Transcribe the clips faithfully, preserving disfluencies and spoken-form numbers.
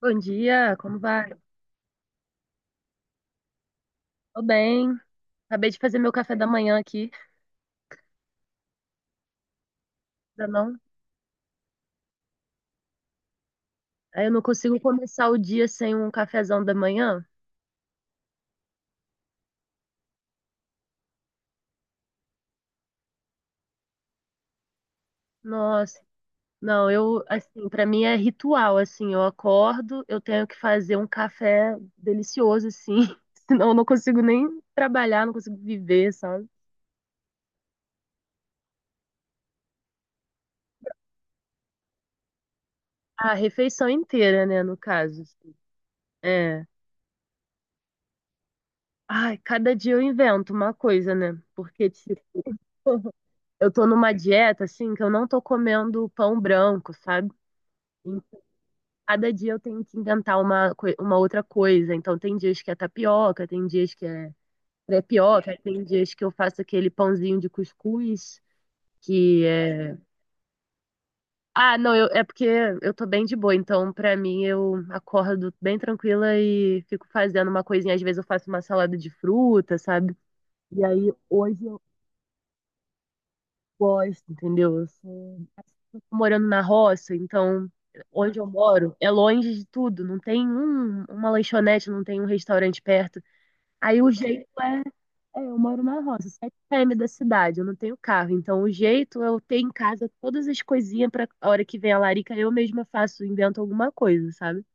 Bom dia, como vai? Tô bem. Acabei de fazer meu café da manhã aqui, ainda não. Aí eu não consigo começar o dia sem um cafezão da manhã. Nossa, não, eu, assim, pra mim é ritual, assim, eu acordo, eu tenho que fazer um café delicioso, assim, senão eu não consigo nem trabalhar, não consigo viver, sabe? A refeição inteira, né, no caso. Assim. É. Ai, cada dia eu invento uma coisa, né? Porque, tipo, eu tô numa dieta, assim, que eu não tô comendo pão branco, sabe? Em cada dia eu tenho que inventar uma, coi- uma outra coisa. Então, tem dias que é tapioca, tem dias que é crepioca, tem dias que eu faço aquele pãozinho de cuscuz, que é... Ah, não, eu, é porque eu tô bem de boa, então, pra mim, eu acordo bem tranquila e fico fazendo uma coisinha. Às vezes eu faço uma salada de fruta, sabe? E aí, hoje eu gosto, entendeu? Morando na roça, então onde eu moro é longe de tudo, não tem um, uma lanchonete, não tem um restaurante perto. Aí o jeito é, é, eu moro na roça, sete quilômetros da cidade, eu não tenho carro, então o jeito é eu ter em casa todas as coisinhas para a hora que vem a larica, eu mesma faço, invento alguma coisa, sabe?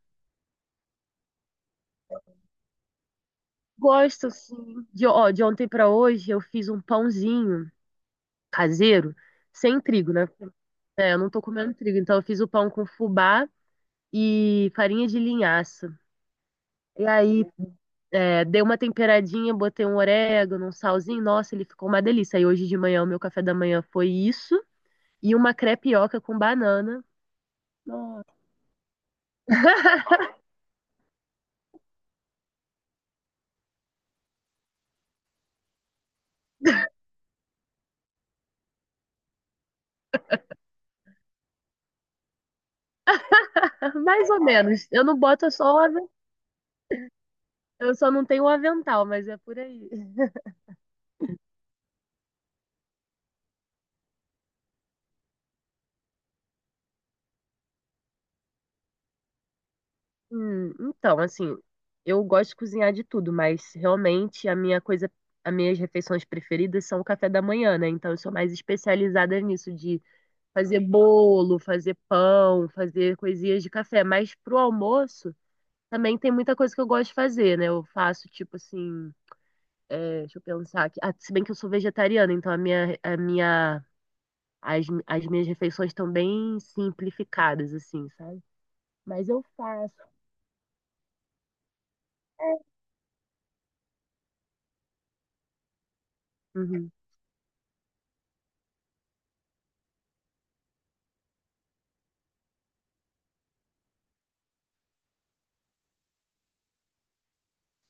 Gosto, sim. De, ó, de ontem para hoje eu fiz um pãozinho caseiro, sem trigo, né? É, eu não tô comendo trigo, então eu fiz o pão com fubá e farinha de linhaça. E aí é, dei uma temperadinha, botei um orégano, um salzinho, nossa, ele ficou uma delícia. E hoje de manhã, o meu café da manhã foi isso, e uma crepioca com banana. Nossa. Mais ou menos. Eu não boto só o aven- eu só não tenho o avental, mas é por aí. Hum, então, assim, eu gosto de cozinhar de tudo, mas realmente a minha coisa, as minhas refeições preferidas são o café da manhã, né? Então eu sou mais especializada nisso, de fazer bolo, fazer pão, fazer coisinhas de café. Mas pro almoço. Também tem muita coisa que eu gosto de fazer, né? Eu faço, tipo assim, é, deixa eu pensar aqui. Ah, se bem que eu sou vegetariana, então a minha, a minha, as, as minhas refeições estão bem simplificadas, assim, sabe? Mas eu faço. Uhum.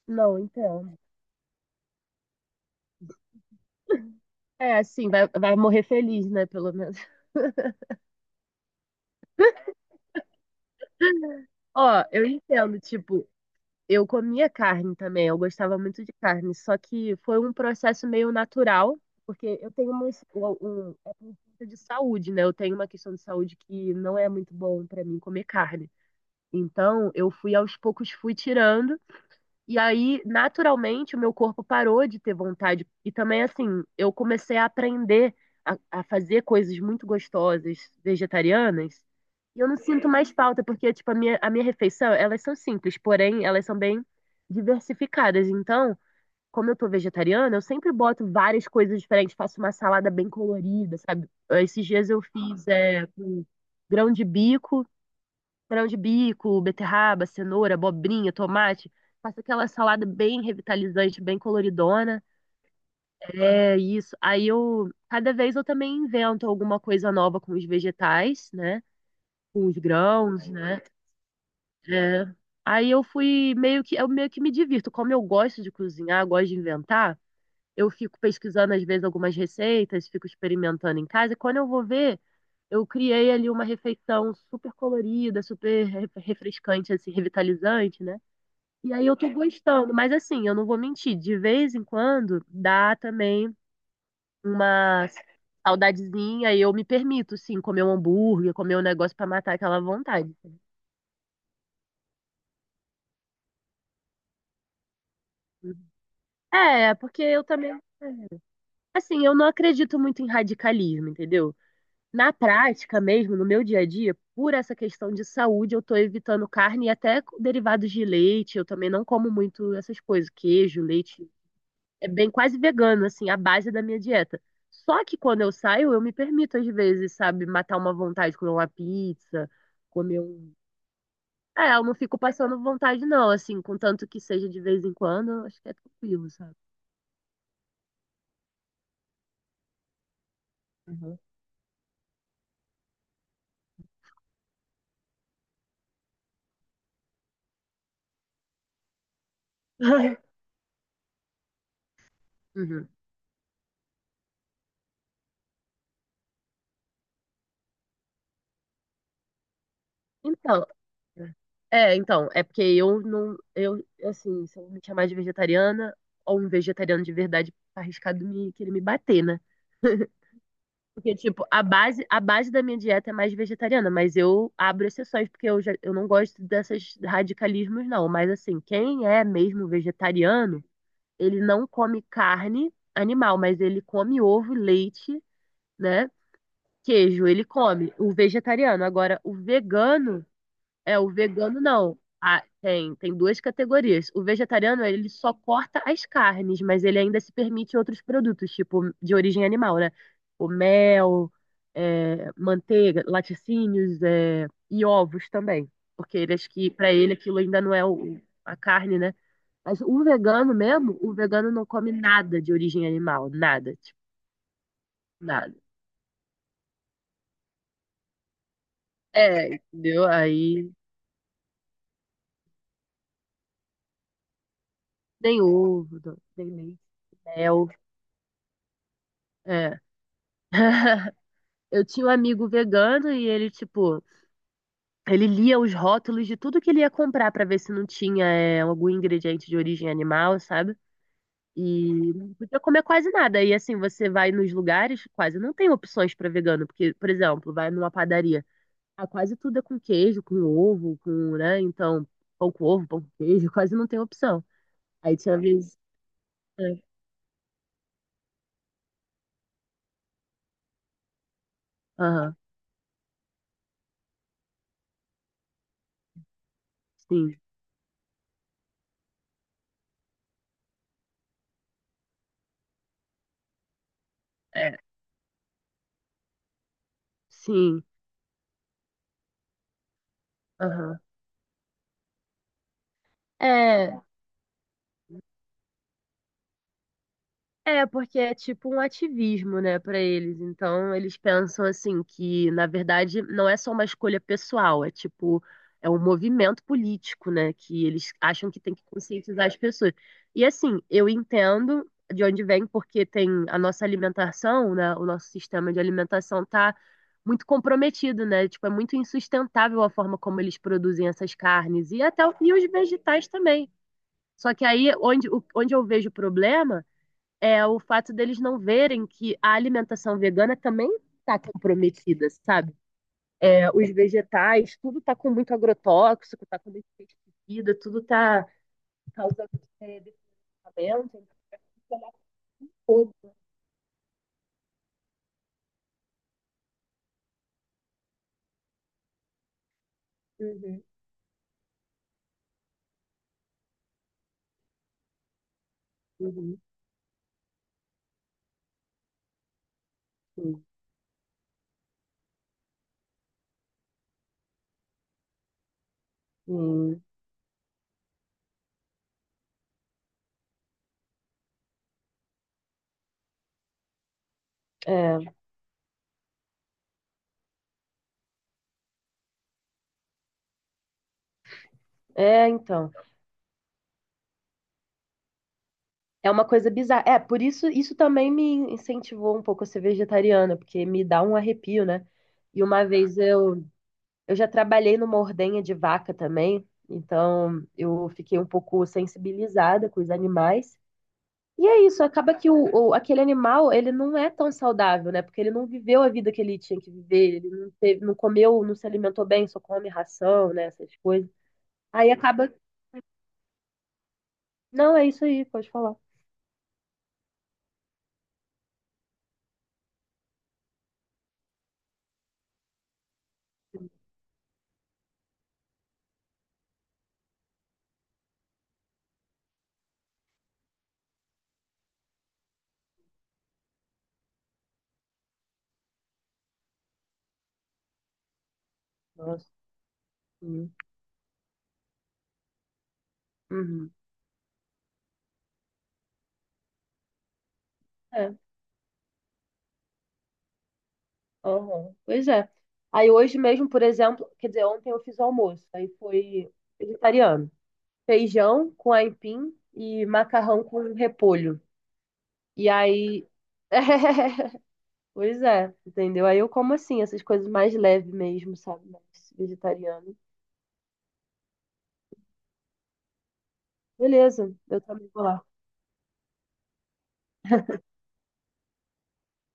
Não, então. É, assim, vai, vai morrer feliz, né? Pelo menos. Ó, eu entendo, tipo, eu comia carne também, eu gostava muito de carne, só que foi um processo meio natural, porque eu tenho um, de saúde, né? Eu tenho uma questão de saúde que não é muito bom pra mim comer carne. Então, eu fui aos poucos fui tirando e aí naturalmente o meu corpo parou de ter vontade e também assim, eu comecei a aprender a, a fazer coisas muito gostosas vegetarianas e eu não sinto mais falta porque tipo a minha a minha refeição, elas são simples, porém elas são bem diversificadas. Então, como eu tô vegetariana, eu sempre boto várias coisas diferentes, faço uma salada bem colorida, sabe? Esses dias eu fiz é, com grão de bico, grão de bico, beterraba, cenoura, abobrinha, tomate. Faço aquela salada bem revitalizante, bem coloridona. É isso. Aí eu, cada vez eu também invento alguma coisa nova com os vegetais, né? Com os grãos, né? É. Aí eu fui meio que, eu meio que me divirto. Como eu gosto de cozinhar, gosto de inventar, eu fico pesquisando, às vezes, algumas receitas, fico experimentando em casa, e quando eu vou ver, eu criei ali uma refeição super colorida, super re- refrescante, assim, revitalizante, né? E aí eu tô gostando, mas assim, eu não vou mentir, de vez em quando dá também uma saudadezinha e eu me permito, sim, comer um hambúrguer, comer um negócio pra matar aquela vontade. É, porque eu também, é, assim, eu não acredito muito em radicalismo, entendeu? Na prática mesmo, no meu dia a dia, por essa questão de saúde, eu estou evitando carne e até derivados de leite. Eu também não como muito essas coisas, queijo, leite. É bem quase vegano, assim, a base da minha dieta. Só que quando eu saio, eu me permito, às vezes, sabe, matar uma vontade, comer uma pizza, comer um. É, eu não fico passando vontade, não, assim, contanto que seja de vez em quando, eu acho que é tranquilo, sabe? Uhum. Uhum. Então, é, então, é porque eu não, eu, assim, se eu me chamar de vegetariana ou um vegetariano de verdade, tá arriscado me querer me bater, né? Porque, tipo, a base, a base da minha dieta é mais vegetariana, mas eu abro exceções, porque eu, já, eu não gosto desses radicalismos, não. Mas, assim, quem é mesmo vegetariano, ele não come carne animal, mas ele come ovo, leite, né? Queijo, ele come. O vegetariano. Agora, o vegano é, o vegano não. Ah, tem, tem duas categorias. O vegetariano, ele só corta as carnes, mas ele ainda se permite outros produtos, tipo de origem animal, né? O mel, é, manteiga, laticínios, é, e ovos também. Porque ele acho que para ele aquilo ainda não é o- a carne, né? Mas o vegano mesmo, o vegano não come nada de origem animal, nada, tipo, nada. É, entendeu? Aí nem ovo, nem leite, mel. É. Eu tinha um amigo vegano e ele, tipo, ele lia os rótulos de tudo que ele ia comprar pra ver se não tinha é, algum ingrediente de origem animal, sabe? E não podia comer quase nada. E assim, você vai nos lugares, quase não tem opções pra vegano, porque, por exemplo, vai numa padaria, ah, quase tudo é com queijo, com ovo, com, né? Então, pão com ovo, pão com queijo, quase não tem opção. Aí tinha vezes. É, aham, sim. É, sim. Aham. É, é, porque é tipo um ativismo, né, para eles. Então, eles pensam assim que, na verdade, não é só uma escolha pessoal, é tipo é um movimento político, né, que eles acham que tem que conscientizar as pessoas. E assim, eu entendo de onde vem, porque tem a nossa alimentação, né, o nosso sistema de alimentação tá muito comprometido, né? Tipo, é muito insustentável a forma como eles produzem essas carnes e até o- e os vegetais também. Só que aí onde, o- onde eu vejo o problema é o fato deles não verem que a alimentação vegana também está comprometida, sabe? É, os vegetais, tudo está com muito agrotóxico, está com muito pesticida, tudo está causando é, desmatamento, fogo. Uhum, uhum, uhum. Hum, é, é, então. É uma coisa bizarra. É, por isso, isso também me incentivou um pouco a ser vegetariana, porque me dá um arrepio, né? E uma vez eu Eu já trabalhei numa ordenha de vaca também, então eu fiquei um pouco sensibilizada com os animais. E é isso, acaba que o, o- aquele animal, ele não é tão saudável, né? Porque ele não viveu a vida que ele tinha que viver, ele não teve, não comeu, não se alimentou bem, só come ração, né? Essas coisas. Aí acaba. Não, é isso aí, pode falar. Nossa. Uhum. Uhum. É. Uhum. Pois é. Aí hoje mesmo, por exemplo, quer dizer, ontem eu fiz o almoço, aí foi vegetariano. Feijão com aipim e macarrão com repolho. E aí. Pois é, entendeu? Aí eu como assim, essas coisas mais leves mesmo, sabe? Mais vegetariano. Beleza, eu também vou lá.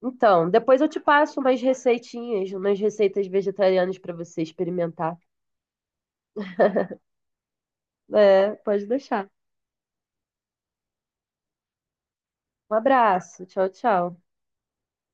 Então, depois eu te passo umas receitinhas, umas receitas vegetarianas para você experimentar. É, pode deixar. Um abraço, tchau, tchau.